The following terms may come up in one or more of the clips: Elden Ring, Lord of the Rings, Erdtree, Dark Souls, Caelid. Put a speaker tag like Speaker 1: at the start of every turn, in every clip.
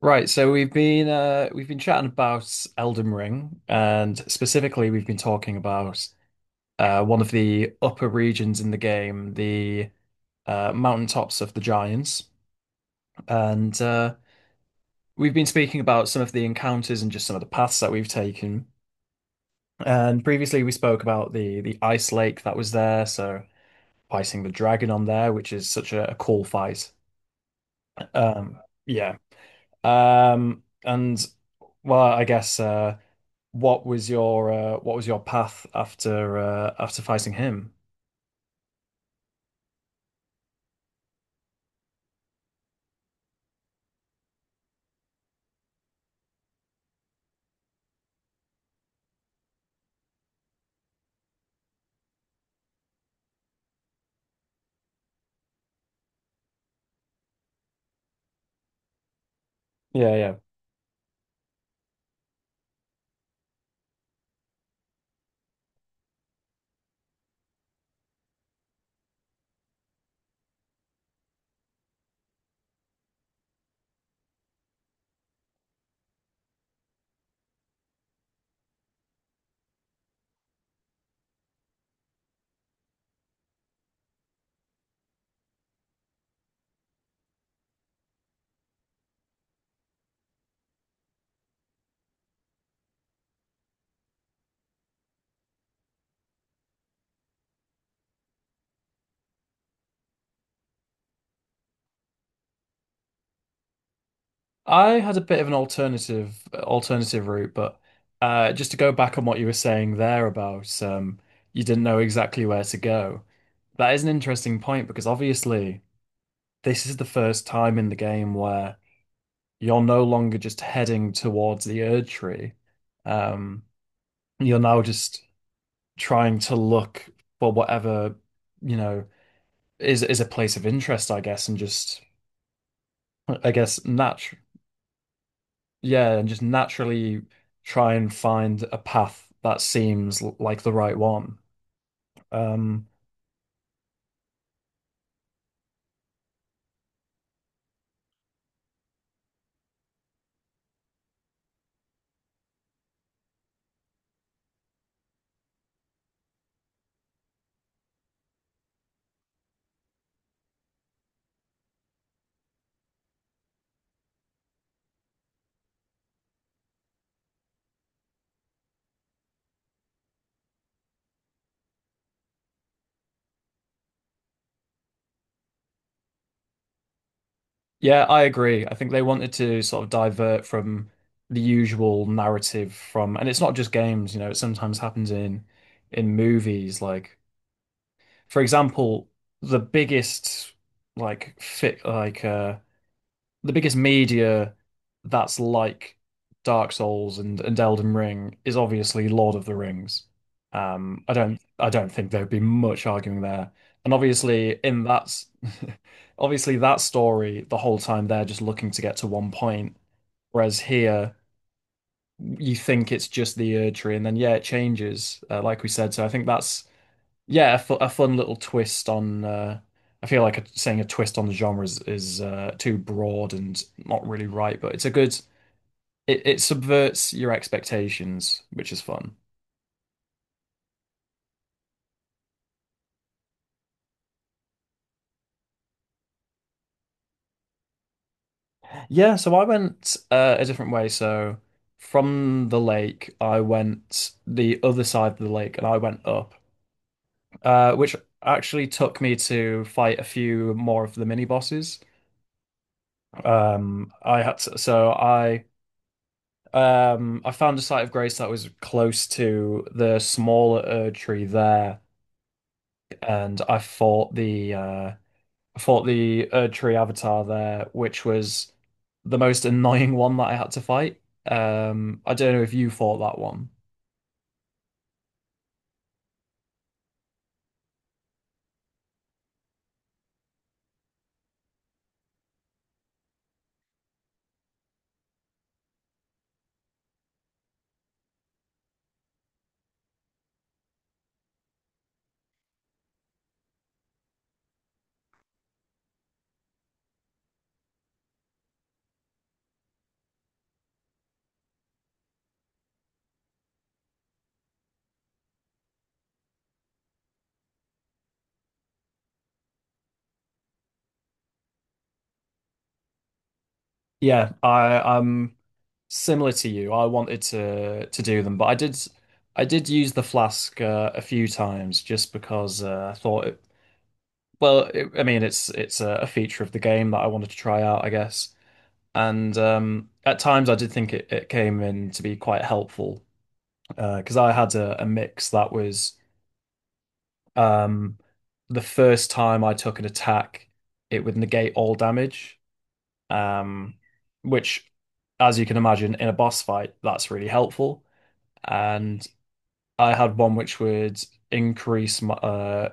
Speaker 1: Right, so we've been chatting about Elden Ring, and specifically we've been talking about one of the upper regions in the game, the mountaintops of the giants, and we've been speaking about some of the encounters and just some of the paths that we've taken. And previously we spoke about the ice lake that was there, so fighting the dragon on there, which is such a cool fight. Um, yeah. And Well, I guess. What was your what was your path after after fighting him? Yeah, yeah. I had a bit of an alternative route, but just to go back on what you were saying there about you didn't know exactly where to go. That is an interesting point because obviously this is the first time in the game where you're no longer just heading towards the Erdtree. Um, you're now just trying to look for whatever, you know. Is a place of interest, I guess, and just I guess natural, yeah, and just naturally try and find a path that seems like the right one. Um, yeah, I agree. I think they wanted to sort of divert from the usual narrative from, and it's not just games, you know, it sometimes happens in movies. Like, for example, the biggest like fit like the biggest media that's like Dark Souls and Elden Ring is obviously Lord of the Rings. I don't think there'd be much arguing there. And obviously in that obviously that story, the whole time they're just looking to get to one point. Whereas here you think it's just the Ur tree and then yeah, it changes, like we said. So I think that's yeah, a fun little twist on. I feel like saying a twist on the genre is too broad and not really right, but it's a good. It subverts your expectations, which is fun. Yeah, so I went a different way. So from the lake, I went the other side of the lake, and I went up, which actually took me to fight a few more of the mini bosses. I had to, so I. I found a site of grace that was close to the smaller Erd tree there, and I fought the Erd tree avatar there, which was the most annoying one that I had to fight. I don't know if you fought that one. Yeah, I'm similar to you. I wanted to do them, but I did use the flask a few times just because I thought it. Well, I mean, it's a feature of the game that I wanted to try out, I guess. And at times I did think it came in to be quite helpful because I had a mix that was um, the first time I took an attack, it would negate all damage, um, which, as you can imagine, in a boss fight, that's really helpful. And I had one which would increase my uh,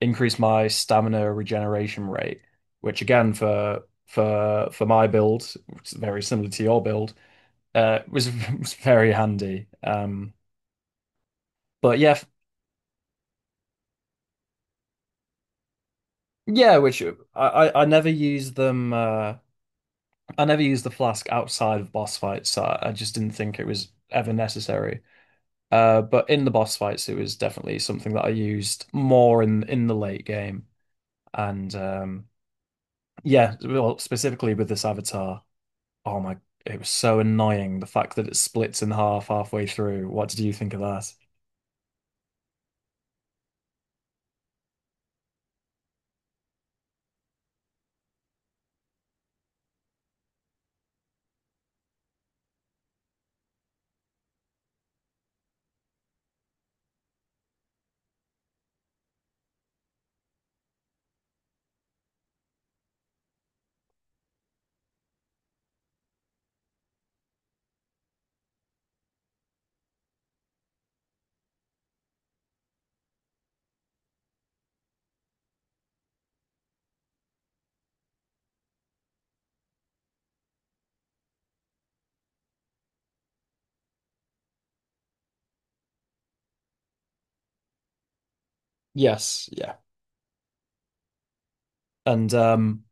Speaker 1: increase my stamina regeneration rate, which again for my build, which is very similar to your build was was very handy. But yeah, yeah, which I never used them. I never used the flask outside of boss fights. So I just didn't think it was ever necessary. But in the boss fights, it was definitely something that I used more in the late game. And yeah, well, specifically with this avatar. Oh my, it was so annoying the fact that it splits in half halfway through. What did you think of that? Yes, yeah. And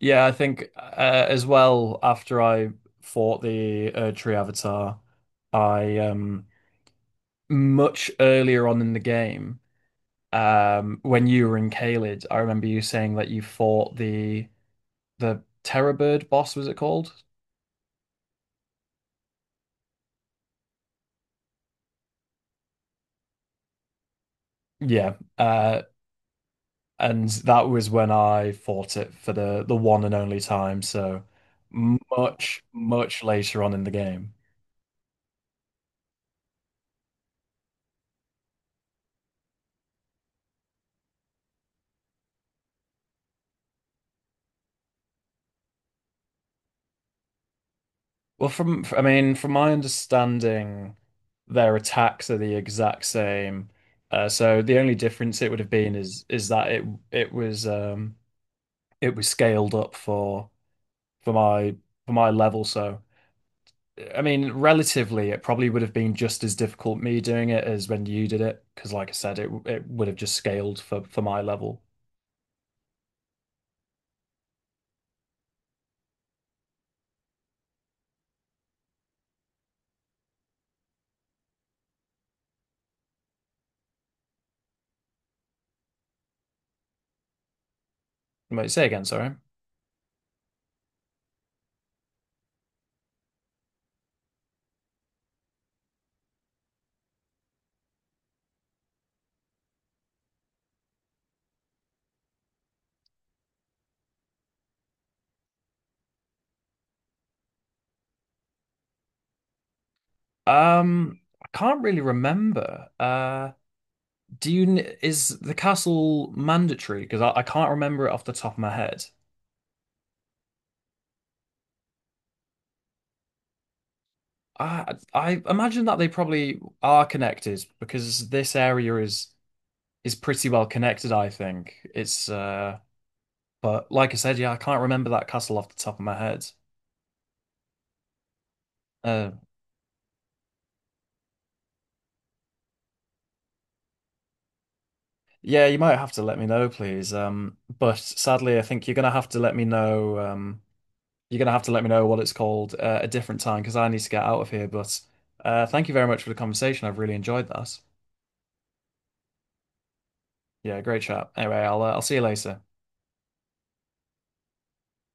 Speaker 1: Yeah, I think as well after I fought the tree avatar, I much earlier on in the game, when you were in Caelid, I remember you saying that you fought the Terror Bird boss, was it called? Yeah, and that was when I fought it for the one and only time. So much, much later on in the game. Well, I mean, from my understanding, their attacks are the exact same. So the only difference it would have been is that it was um it was scaled up for my for my level. So I mean, relatively, it probably would have been just as difficult me doing it as when you did it, because like I said, it would have just scaled for my level. Might say again, sorry. I can't really remember. Do you is the castle mandatory? Because I can't remember it off the top of my head. I imagine that they probably are connected because this area is pretty well connected, I think. It's but like I said, yeah, I can't remember that castle off the top of my head. Uh yeah, you might have to let me know, please. But sadly I think you're gonna have to let me know you're gonna have to let me know what it's called a different time because I need to get out of here. But thank you very much for the conversation. I've really enjoyed that. Yeah, great chat. Anyway, I'll see you later.